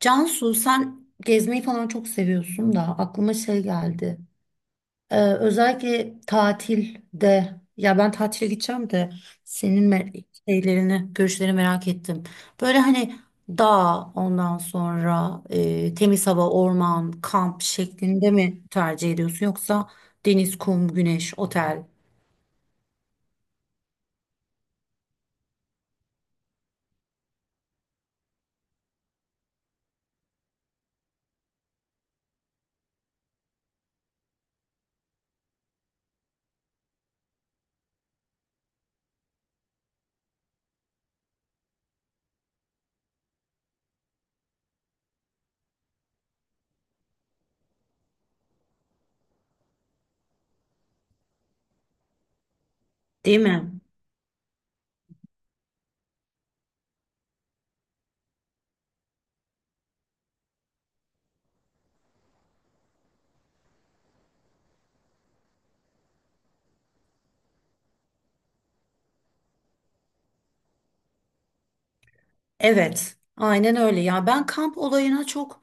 Cansu, sen gezmeyi falan çok seviyorsun da aklıma şey geldi. Özellikle tatilde ya ben tatile gideceğim de senin me- şeylerini, görüşlerini merak ettim. Böyle hani dağ, ondan sonra temiz hava, orman, kamp şeklinde mi tercih ediyorsun, yoksa deniz, kum, güneş, otel değil mi? Evet, aynen öyle ya, ben kamp olayına çok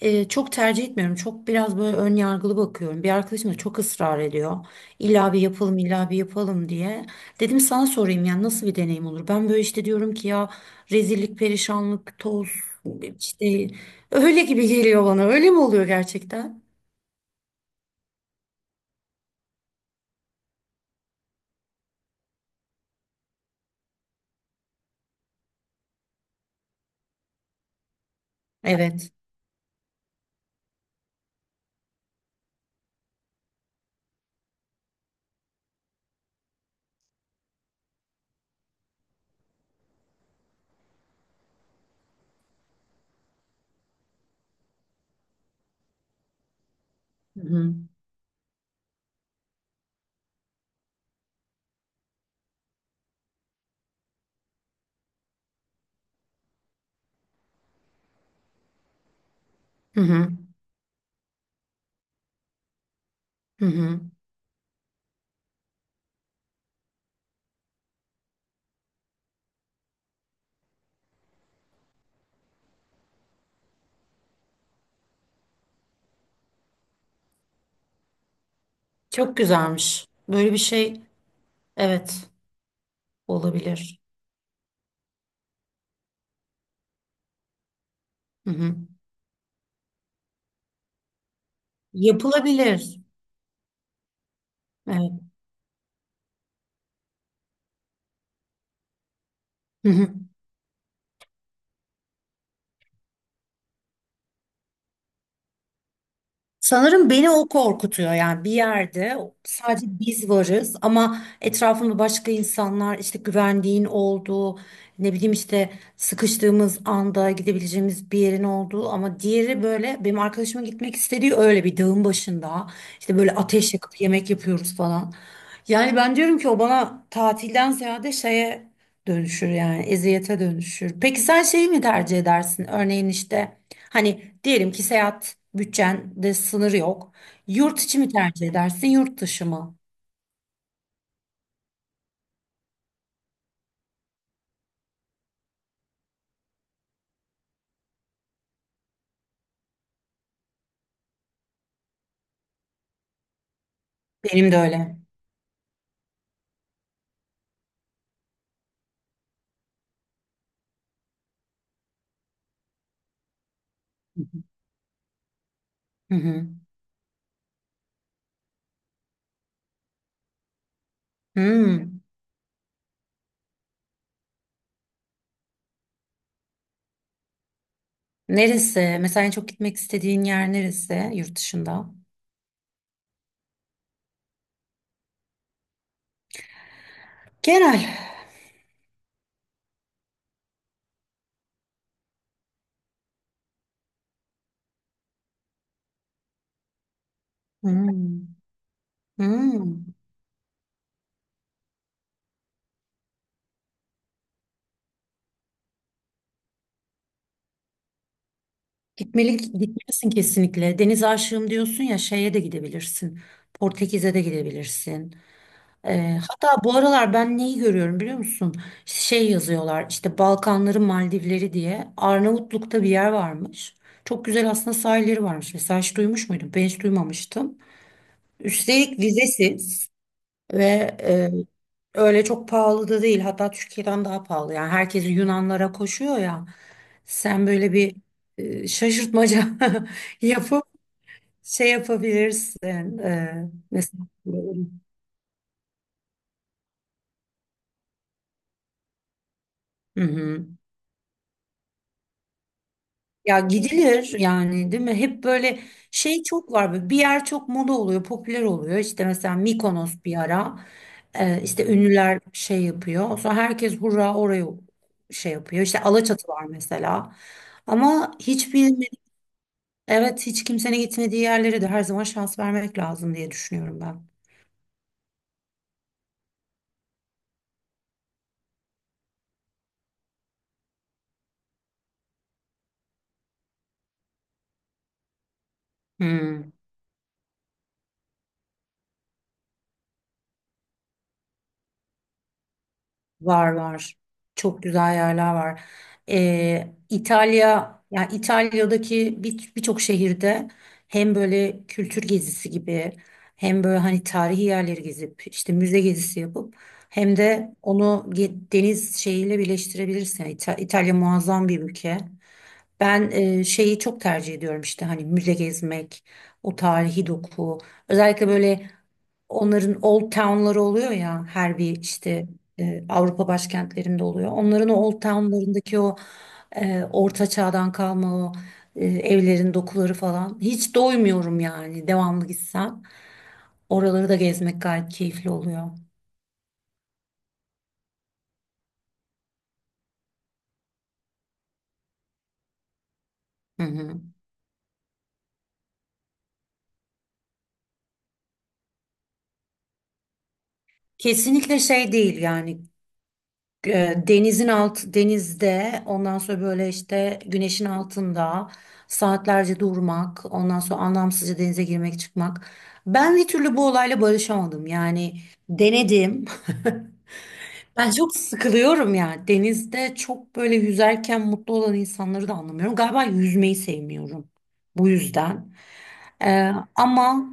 E, çok tercih etmiyorum. Çok biraz böyle ön yargılı bakıyorum. Bir arkadaşım da çok ısrar ediyor. İlla bir yapalım, illa bir yapalım diye. Dedim sana sorayım, yani nasıl bir deneyim olur? Ben böyle işte diyorum ki ya, rezillik, perişanlık, toz işte, öyle gibi geliyor bana. Öyle mi oluyor gerçekten? Evet. Hı hı. Hı hı. Hı hı. Çok güzelmiş. Böyle bir şey evet olabilir. Hı hı. Yapılabilir. Evet. Sanırım beni o korkutuyor, yani bir yerde sadece biz varız ama etrafımda başka insanlar, işte güvendiğin olduğu, ne bileyim işte sıkıştığımız anda gidebileceğimiz bir yerin olduğu, ama diğeri böyle benim arkadaşımın gitmek istediği, öyle bir dağın başında işte böyle ateş yakıp yemek yapıyoruz falan. Yani ben diyorum ki o bana tatilden ziyade şeye dönüşür yani, eziyete dönüşür. Peki sen şeyi mi tercih edersin? Örneğin işte hani diyelim ki seyahat bütçende sınır yok. Yurt içi mi tercih edersin, yurt dışı mı? Benim de öyle. Hı Hı hı. Hmm. Neresi? Mesela en çok gitmek istediğin yer neresi yurt dışında? Genel. Hmm. Hmm. Gitmeli, gitmelisin kesinlikle. Deniz aşığım diyorsun ya, şeye de gidebilirsin. Portekiz'e de gidebilirsin. Hatta bu aralar ben neyi görüyorum biliyor musun? Şey yazıyorlar işte, Balkanların Maldivleri diye. Arnavutluk'ta bir yer varmış. Çok güzel aslında sahilleri varmış. Mesela hiç duymuş muydun? Ben hiç duymamıştım. Üstelik vizesiz ve öyle çok pahalı da değil. Hatta Türkiye'den daha pahalı. Yani herkes Yunanlara koşuyor ya. Sen böyle bir şaşırtmaca yapıp şey yapabilirsin. E, mesela. Hı hı. Ya gidilir yani, değil mi? Hep böyle şey çok var. Böyle bir yer çok moda oluyor, popüler oluyor. İşte mesela Mikonos bir ara işte ünlüler şey yapıyor. Sonra herkes hurra oraya şey yapıyor. İşte Alaçatı var mesela. Ama hiç bilmedi, evet, hiç kimsenin gitmediği yerlere de her zaman şans vermek lazım diye düşünüyorum ben. Hmm. Var var. Çok güzel yerler var. İtalya, yani İtalya'daki birçok şehirde hem böyle kültür gezisi gibi, hem böyle hani tarihi yerleri gezip işte müze gezisi yapıp, hem de onu deniz şeyiyle birleştirebilirsin. Yani İtalya muazzam bir ülke. Ben şeyi çok tercih ediyorum, işte hani müze gezmek, o tarihi doku. Özellikle böyle onların old town'ları oluyor ya, her bir işte Avrupa başkentlerinde oluyor. Onların o old town'larındaki o orta çağdan kalma o evlerin dokuları falan. Hiç doymuyorum yani, devamlı gitsem. Oraları da gezmek gayet keyifli oluyor. Hı hı. Kesinlikle şey değil yani, denizin alt denizde, ondan sonra böyle işte güneşin altında saatlerce durmak, ondan sonra anlamsızca denize girmek çıkmak, ben bir türlü bu olayla barışamadım yani. Denedim. Ben çok sıkılıyorum ya. Denizde çok böyle yüzerken mutlu olan insanları da anlamıyorum. Galiba yüzmeyi sevmiyorum bu yüzden. Ama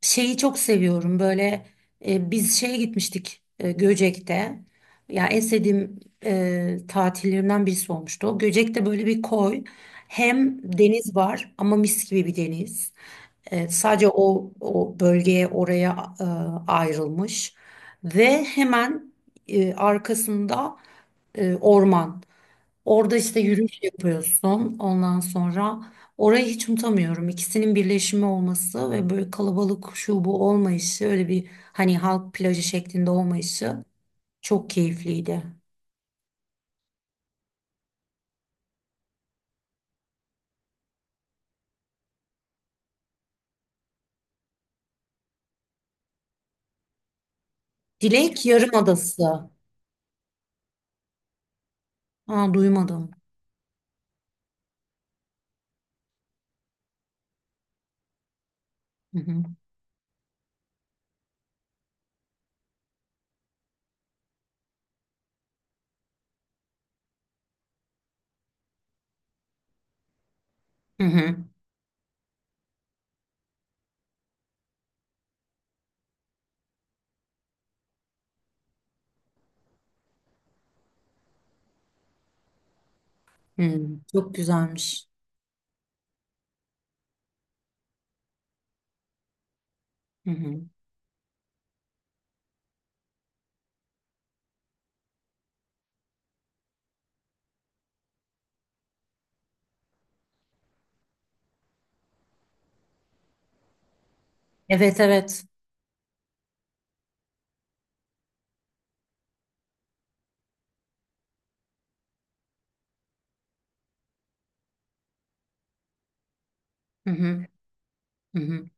şeyi çok seviyorum. Böyle biz şeye gitmiştik, Göcek'te. Ya en sevdiğim tatillerimden birisi olmuştu. O Göcek'te böyle bir koy. Hem deniz var ama mis gibi bir deniz. E, sadece o bölgeye oraya ayrılmış ve hemen arkasında orman. Orada işte yürüyüş yapıyorsun. Ondan sonra orayı hiç unutamıyorum. İkisinin birleşimi olması ve böyle kalabalık şu bu olmayışı, öyle bir hani halk plajı şeklinde olmayışı çok keyifliydi. Dilek Yarımadası. Aa, duymadım. Hı hı. Hı hı. Hı. Çok güzelmiş. Hı hı. Evet evet. Hı hı. Hı hı.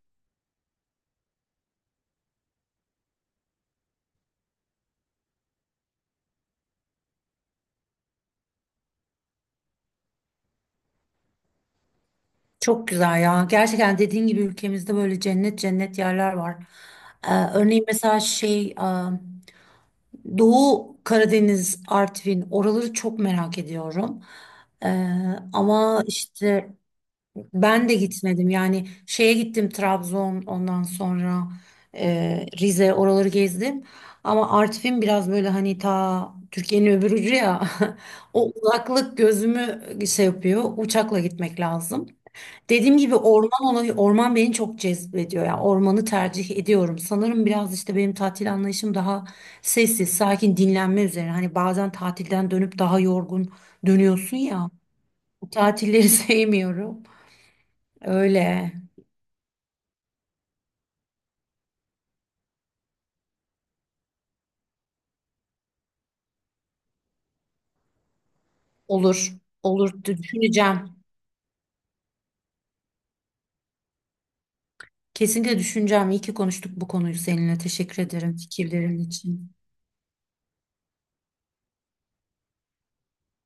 Çok güzel ya. Gerçekten dediğin gibi ülkemizde böyle cennet cennet yerler var. Ee, Örneğin mesela şey, Doğu Karadeniz, Artvin oraları çok merak ediyorum. Ee, Ama işte ben de gitmedim. Yani şeye gittim, Trabzon, ondan sonra Rize oraları gezdim. Ama Artvin biraz böyle hani ta Türkiye'nin öbür ucu ya. O uzaklık gözümü şey yapıyor. Uçakla gitmek lazım. Dediğim gibi, orman olayı, orman beni çok cezbediyor. Yani ormanı tercih ediyorum. Sanırım biraz işte benim tatil anlayışım daha sessiz, sakin, dinlenme üzerine. Hani bazen tatilden dönüp daha yorgun dönüyorsun ya. Bu tatilleri sevmiyorum. Öyle. Olur. Olur. Düşüneceğim. Kesinlikle düşüneceğim. İyi ki konuştuk bu konuyu seninle. Teşekkür ederim fikirlerin için.